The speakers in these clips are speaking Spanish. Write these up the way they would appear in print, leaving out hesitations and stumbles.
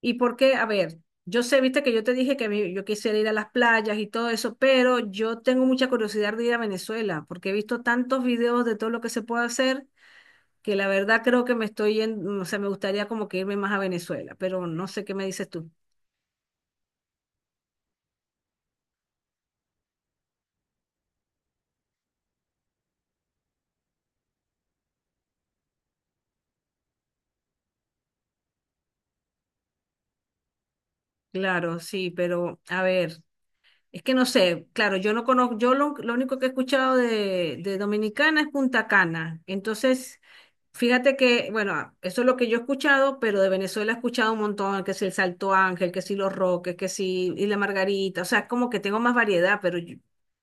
¿Y por qué? A ver, yo sé, viste que yo te dije que yo quisiera ir a las playas y todo eso, pero yo tengo mucha curiosidad de ir a Venezuela, porque he visto tantos videos de todo lo que se puede hacer, que la verdad creo que me estoy yendo, o sea, me gustaría como que irme más a Venezuela, pero no sé qué me dices tú. Claro, sí, pero a ver, es que no sé, claro, yo no conozco, yo lo único que he escuchado de Dominicana es Punta Cana, entonces. Fíjate que, bueno, eso es lo que yo he escuchado, pero de Venezuela he escuchado un montón, que si el Salto Ángel, que si los Roques, que si y la Margarita, o sea, como que tengo más variedad, pero yo, o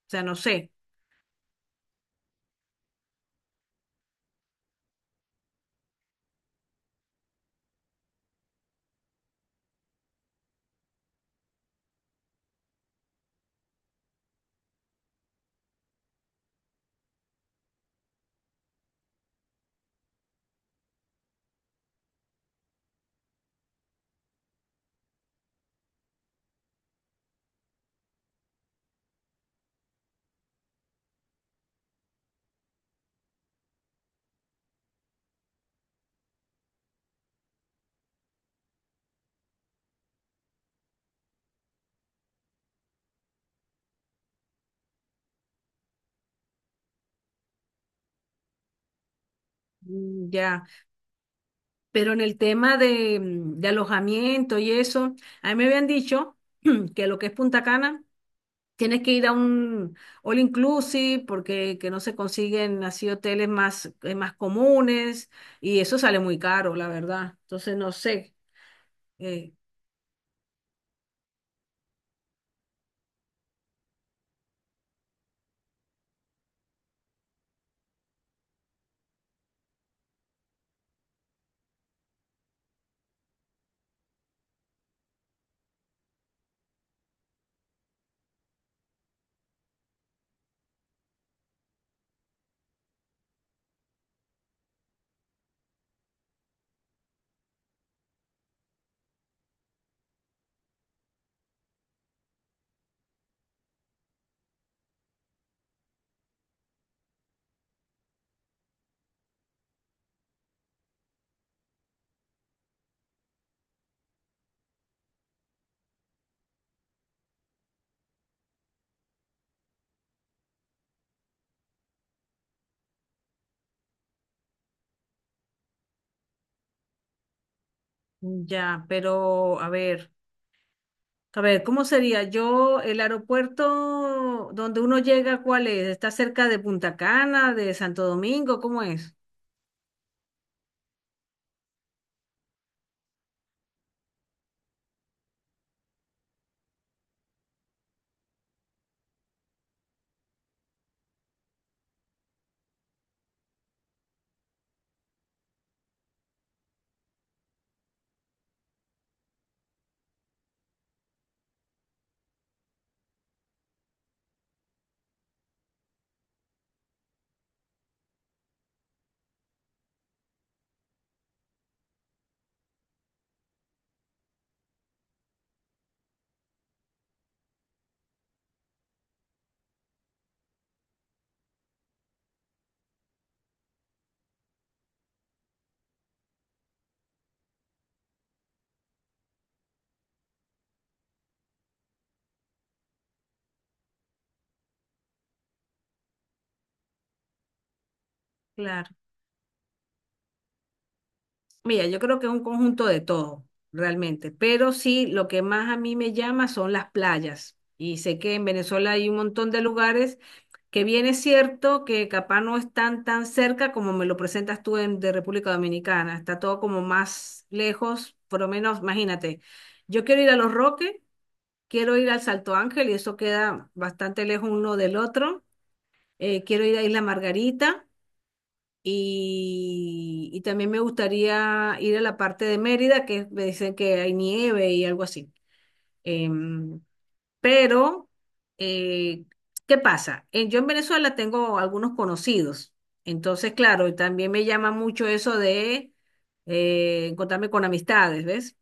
sea, no sé, mm, ya. Pero en el tema de, de alojamiento y eso, a mí me habían dicho que lo que es Punta Cana, tienes que ir a un all inclusive porque que no se consiguen así hoteles más, más comunes y eso sale muy caro, la verdad. Entonces, no sé. eh, Ya, pero a ver, ¿cómo sería? Yo, el aeropuerto donde uno llega, ¿cuál es? ¿Está cerca de Punta Cana, de Santo Domingo? ¿Cómo es? Claro. Mira, yo creo que es un conjunto de todo, realmente, pero sí, lo que más a mí me llama son las playas. Y sé que en Venezuela hay un montón de lugares que bien es cierto que capaz no están tan cerca como me lo presentas tú en, de República Dominicana, está todo como más lejos, por lo menos, imagínate, yo quiero ir a Los Roques, quiero ir al Salto Ángel y eso queda bastante lejos uno del otro, quiero ir a Isla Margarita y también me gustaría ir a la parte de Mérida, que me dicen que hay nieve y algo así. Em, pero, eh, ¿Qué pasa? Yo en Venezuela tengo algunos conocidos. Entonces, claro, también me llama mucho eso de encontrarme con amistades, ¿ves?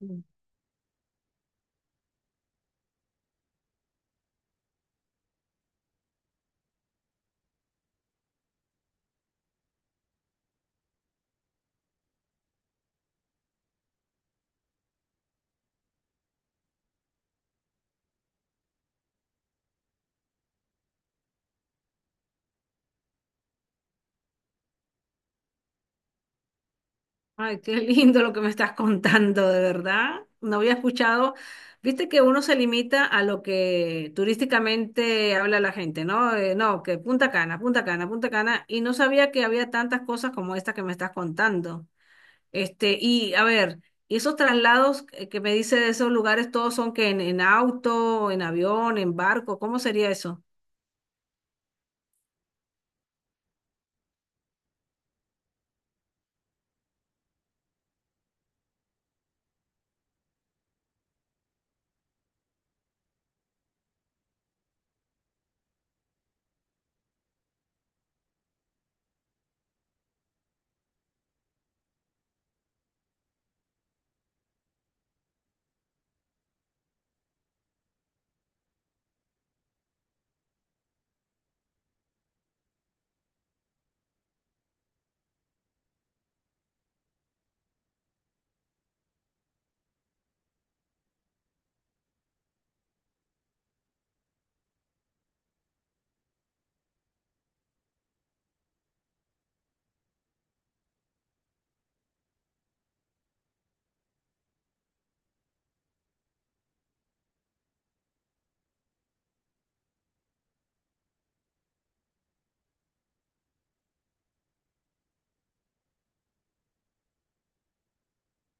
Mm. Ay, qué lindo lo que me estás contando, de verdad. No había escuchado. Viste que uno se limita a lo que turísticamente habla la gente, ¿no? No, que Punta Cana, Punta Cana, Punta Cana. Y no sabía que había tantas cosas como esta que me estás contando. Este, y a ver, y esos traslados que me dice de esos lugares, todos son que en auto, en avión, en barco, ¿cómo sería eso?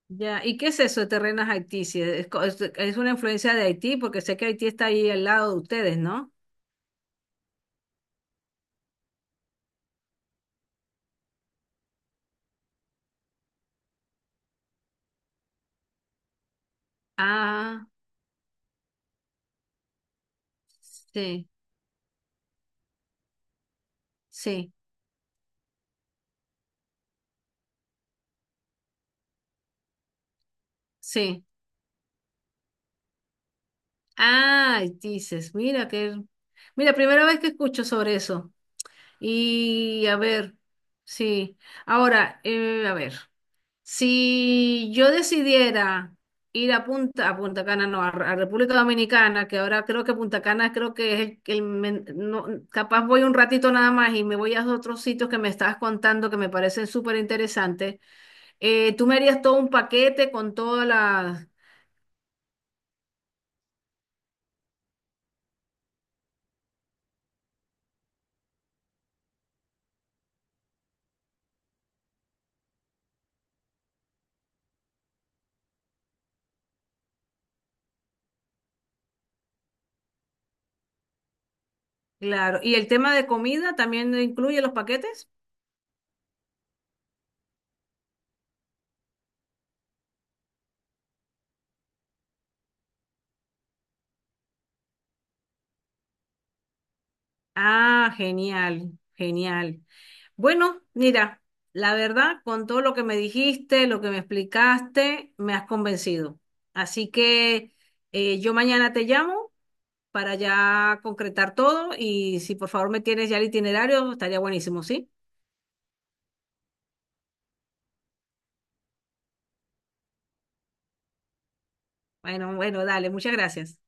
Ya, ¿y qué es eso de Terrenas Haití? Si es, es una influencia de Haití, porque sé que Haití está ahí al lado de ustedes, ¿no? Ah, sí, sí, sí. Ah, Haití, dices, mira que, mira, primera vez que escucho sobre eso. Y a ver, sí. Ahora, a ver. Si yo decidiera ir a Punta Cana, no, a República Dominicana, que ahora creo que Punta Cana creo que es el, que no, capaz voy un ratito nada más y me voy a otros sitios que me estabas contando que me parecen súper interesantes. Tú me harías todo un paquete con todas las? Claro, y el tema de comida también incluye los paquetes. Ah, genial, genial. Bueno, mira, la verdad, con todo lo que me dijiste, lo que me explicaste, me has convencido. Así que yo mañana te llamo para ya concretar todo y si por favor me tienes ya el itinerario, estaría buenísimo, ¿sí? Bueno, bueno, dale, muchas gracias.